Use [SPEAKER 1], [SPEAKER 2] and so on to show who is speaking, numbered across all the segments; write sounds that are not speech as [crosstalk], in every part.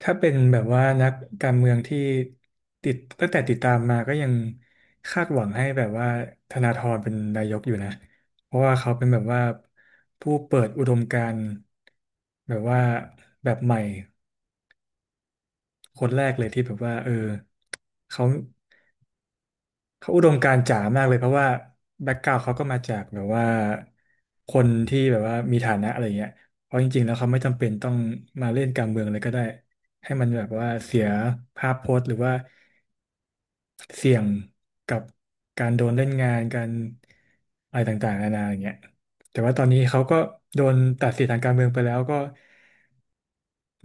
[SPEAKER 1] ถ้าเป็นแบบว่านักการเมืองที่ตั้งแต่ติดตามมาก็ยังคาดหวังให้แบบว่าธนาธรเป็นนายกอยู่นะเพราะว่าเขาเป็นแบบว่าผู้เปิดอุดมการณ์แบบว่าแบบใหม่คนแรกเลยที่แบบว่าเออเขาเขาอุดมการณ์จ๋ามากเลยเพราะว่าแบ็กกราวด์เขาก็มาจากแบบว่าคนที่แบบว่ามีฐานะอะไรเงี้ยเพราะจริงๆแล้วเขาไม่จำเป็นต้องมาเล่นการเมืองเลยก็ได้ให้มันแบบว่าเสียภาพพจน์หรือว่า เสี่ยงกับการโดนเล่นงานการอะไรต่างๆนานาอย่างเงี้ยแต่ว่าตอนนี้เขาก็โดนตัดสิทธิ์ทางการเมืองไปแล้วก็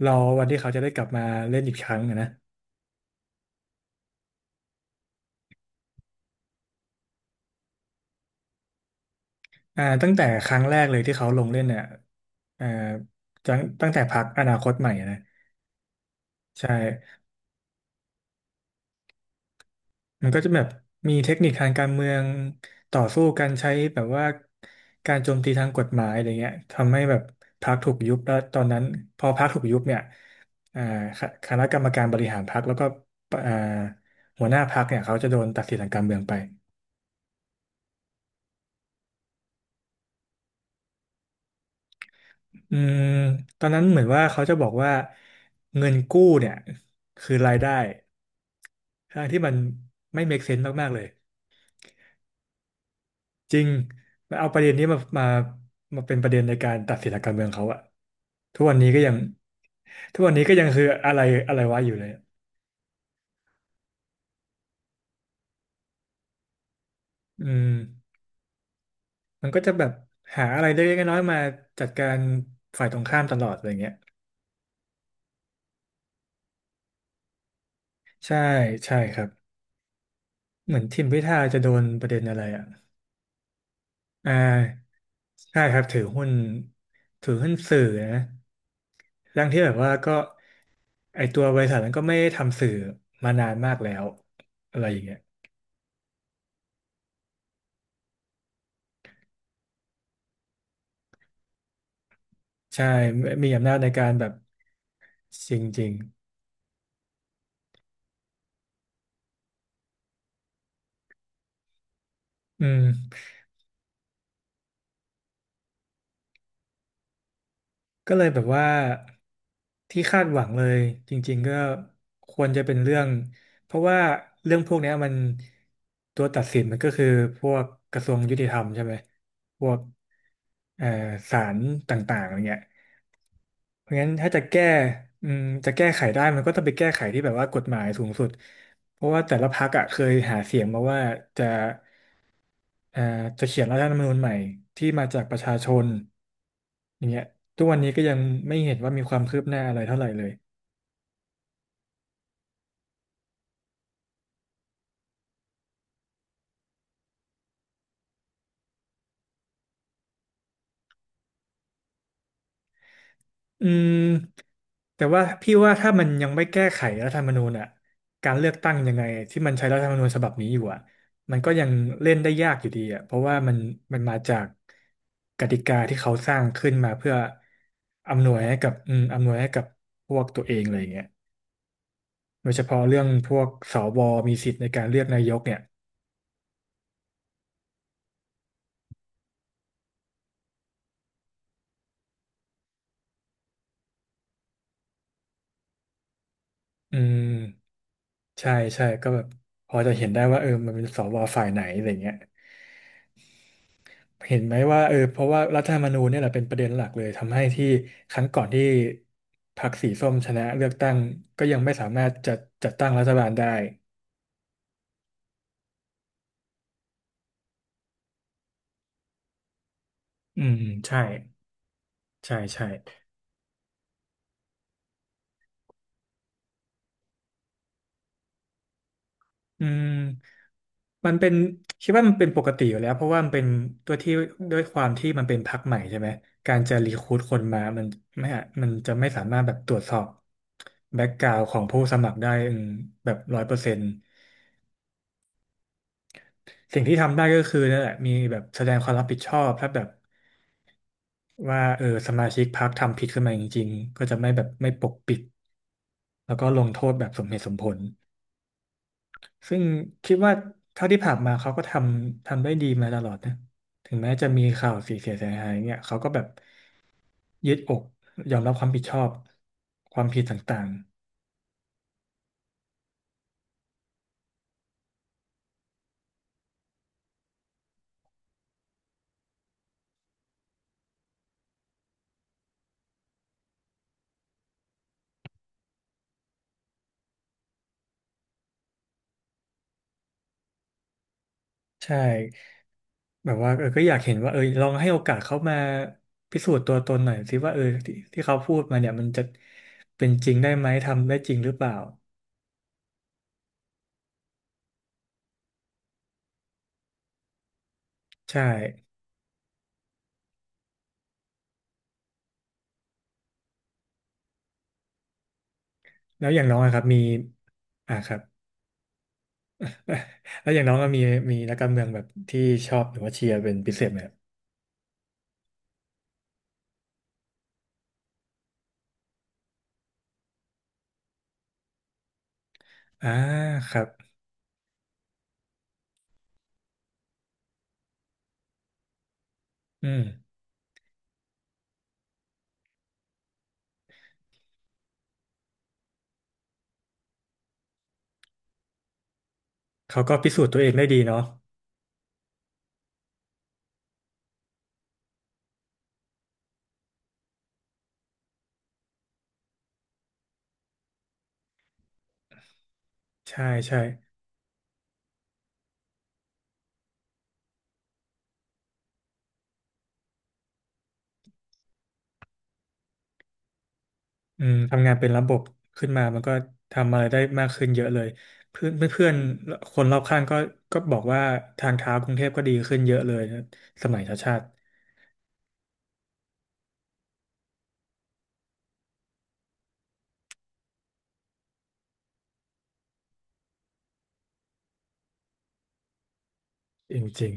[SPEAKER 1] รอวันที่เขาจะได้กลับมาเล่นอีกครั้งอะนะตั้งแต่ครั้งแรกเลยที่เขาลงเล่นเนี่ยอ่าตั้งแต่พรรคอนาคตใหม่อะนะใช่ มันก็จะแบบมีเทคนิคทางการเมืองต่อสู้กันใช้แบบว่าการโจมตีทางกฎหมายอะไรเงี้ยทำให้แบบพรรคถูกยุบแล้วตอนนั้นพอพรรคถูกยุบเนี่ยอ่าคคณะกรรมการบริหารพรรคแล้วก็อ่าหัวหน้าพรรคเนี่ยเขาจะโดนตัดสิทธิ์ทางการเมืองไปอืมตอนนั้นเหมือนว่าเขาจะบอกว่าเงินกู้เนี่ยคือรายได้ทางที่มันไม่ make sense มากๆเลยจริงแล้วเอาประเด็นนี้มาเป็นประเด็นในการตัดสินทางการเมืองเขาอะ ทุกวันนี้ก็ยังทุกวันนี้ก็ยังคืออะไรอะไรวะอยู่เลยอะอืมมันก็จะแบบหาอะไรเล็กๆน้อยๆมาจัดการฝ่ายตรงข้ามตลอดอะไรเงี้ยใช่ใช่ครับเหมือนทิมพิธาจะโดนประเด็นอะไรอ่ะอ่าใช่ครับถือหุ้นสื่อนะทั้งที่แบบว่าก็ไอตัวบริษัทนั้นก็ไม่ได้ทำสื่อมานานมากแล้วอะไรอย่างเงี้ยใช่มีอำนาจในการแบบจริงๆอืม ก็เลยแบบว่าที่คาดหวังเลยจริงๆก็ควรจะเป็นเรื่องเพราะว่าเรื่องพวกเนี้ยมันตัวตัดสินมันก็คือพวกกระทรวงยุติธรรมใช่ไหมพวกเอ่อศาลต่างๆอะไรเงี้ย เพราะงั้นถ้าจะแก้อืมจะแก้ไขได้มันก็ต้องไปแก้ไขที่แบบว่ากฎหมายสูงสุดเพราะว่าแต่ละพรรคอะเคยหาเสียงมาว่าจะเอ่อจะเขียนรัฐธรรมนูญใหม่ที่มาจากประชาชนอย่างเงี้ยทุกวันนี้ก็ยังไม่เห็นว่ามีความคืบหน้าอะไรเท่าไหร่เลย อืมแต่ว่าพี่ว่าถ้ามันยังไม่แก้ไขรัฐธรรมนูญอ่ะการเลือกตั้งยังไงที่มันใช้รัฐธรรมนูญฉบับนี้อยู่อ่ะมันก็ยังเล่นได้ยากอยู่ดีอ่ะเพราะว่ามันมาจากกติกาที่เขาสร้างขึ้นมาเพื่ออำนวยให้กับอำนวยให้กับพวกตัวเองเลยอย่างเงี้ยโดยเฉพาะเรื่องพวกสวมีสิทธิ์ในการเลือกนายกเนี่ยอืมใช่ใช่ก็แบบพอจะเห็นได้ว่าเออมันเป็นสวฝ่ายไหนอะไรเงี้ย เห็นไหมว่าเออเพราะว่ารัฐธรรมนูญเนี่ยแหละเป็นประเด็นหลักเลยทำให้ที่ครั้งก่อนที่พรรคสีส้มชนะเลือกตั้งก็ยังไม่สามารถจัดตั้งรัฐบาลได้อืมใช่ใช่ใช่อืมมันเป็นคิดว่ามันเป็นปกติอยู่แล้วเพราะว่ามันเป็นตัวที่ด้วยความที่มันเป็นพรรคใหม่ใช่ไหมการจะรีครูทคนมามันไม่อะมันจะไม่สามารถแบบตรวจสอบแบ็กกราว n d ของผู้สมัครได้แบบ100% สิ่งที่ทำได้ก็คือนั่นแหละมีแบบแสดงความรับผิดชอบถ้าแบบว่าเออสมาชิกพรรคทำผิดขึ้นมาจริงๆก็จะไม่แบบไม่ปกปิดแล้วก็ลงโทษแบบสมเหตุสมผลซึ่งคิดว่าเท่าที่ผ่านมาเขาก็ทำได้ดีมาตลอดนะถึงแม้จะมีข่าวเสียหายเนี่ยเขาก็แบบยืดอกยอมรับความผิดชอบความผิดต่างๆ ใช่แบบว่าเออก็อยากเห็นว่าเออลองให้โอกาสเขามาพิสูจน์ตัวตนหน่อยสิว่าเออที่เขาพูดมาเนี่ยมันจะเป็นจริงได้ไหมทำได้จริงหรือเปล่าใช่แล้วอย่างน้องอะครับมีอ่าครับ [laughs] แล้วอย่างน้องก็มีนักการเมืองแบบที่ชอบหรือว่าเชียร์เป็นพิเศษไหมครับอ่าครับอืมเขาก็พิสูจน์ตัวเองได้ดีเนาะใช่ใช่ อืมทำงานเป็นระบบขึ้นมามันก็ทำอะไรได้มากขึ้นเยอะเลยเพื่อนเพื่อนๆคนรอบข้างก็บอกว่าทางเท้ากรุงเทพก็ดีขึ้นเยอะเลยนะสมัยชาติชาติจริง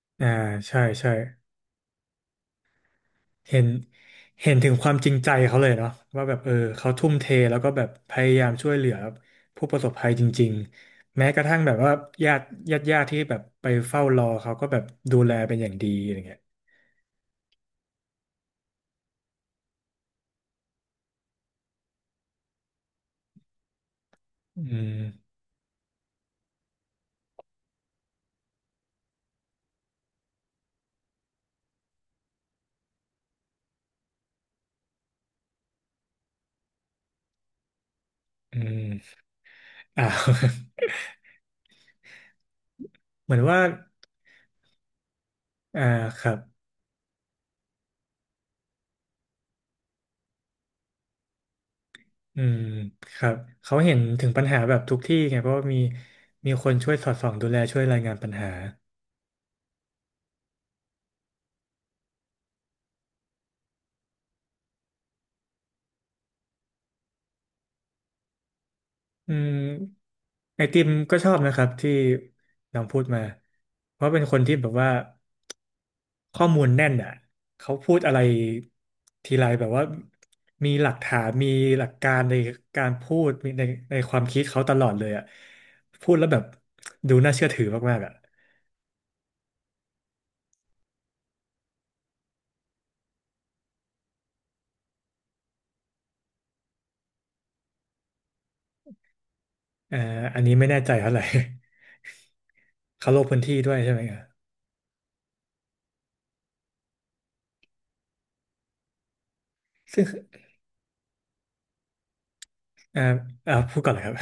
[SPEAKER 1] ๆอ่าใช่ใช่เห็นเห็นถึงความจริงใจเขาเลยเนาะว่าแบบเออเขาทุ่มเทแล้วก็แบบพยายามช่วยเหลือผู้ประสบภัยจริงๆแม้กระทั่งแบบว่าญาติญาติที่แบบไปเฝ้ารอเขาก็แบบดูแลเป็นอย่างดีอะไรเงี้ยอืมอืมอ่า [laughs] เหมือนว่า อ่าครับอืมครับเขาเห็นถึงปัญหาแบบทุกที่ไงเพราะว่ามีคนช่วยสอดส่องดูแลช่วยรายงานปัญหาอืมไอติมก็ชอบนะครับที่น้องพูดมาเพราะเป็นคนที่แบบว่าข้อมูลแน่นอ่ะเขาพูดอะไรทีไรแบบว่ามีหลักฐานมีหลักการในการพูดมีในความคิดเขาตลอดเลยอ่ะพูดแล้วแบบดูน่าเชื่อถือมากๆอ่ะเอ่ออันนี้ไม่แน่ใจเท่าไหร่ [laughs] เขาลงพื้นที่ด้วยใช่ไหมครับ อ่าอ่าพูดก่อนเลยครับ [laughs]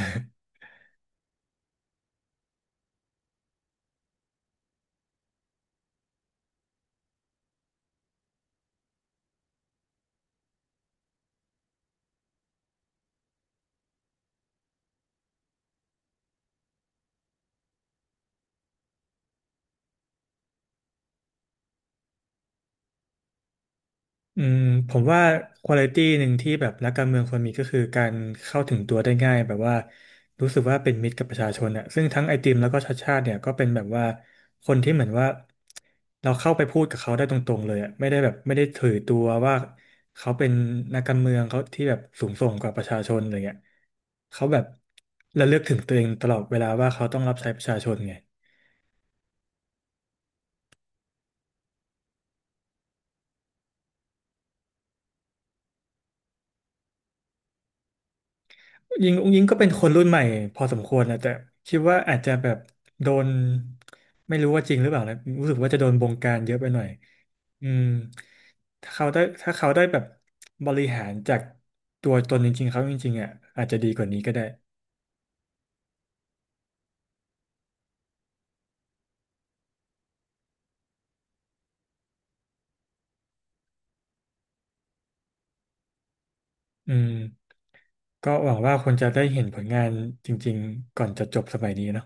[SPEAKER 1] อืมผมว่าคุณภาพหนึ่งที่แบบนักการเมืองควรมีก็คือการเข้าถึงตัวได้ง่ายแบบว่ารู้สึกว่าเป็นมิตรกับประชาชนอ่ะซึ่งทั้งไอติมแล้วก็ชาติชาติเนี่ยก็เป็นแบบว่าคนที่เหมือนว่าเราเข้าไปพูดกับเขาได้ตรงๆเลยอ่ะไม่ได้แบบไม่ได้ถือตัวว่าเขาเป็นนักการเมืองเขาที่แบบสูงส่งกว่าประชาชนอะไรเงี้ยเขาแบบระลึกถึงตัวเองตลอดเวลาว่าเขาต้องรับใช้ประชาชนไง ยิงอุ้งยิงก็เป็นคนรุ่นใหม่พอสมควรนะแต่คิดว่าอาจจะแบบโดนไม่รู้ว่าจริงหรือเปล่านะรู้สึกว่าจะโดนบงการเยอะไปหน่อยอืมถ้าเขาได้แบบบริหารจากตัวตนจริงๆเขาจริงๆอ่ะอาจจะดีกว่านี้ก็ได้อืมก็หวังว่าคนจะได้เห็นผลงานจริงๆก่อนจะจบสมัยนี้เนอะ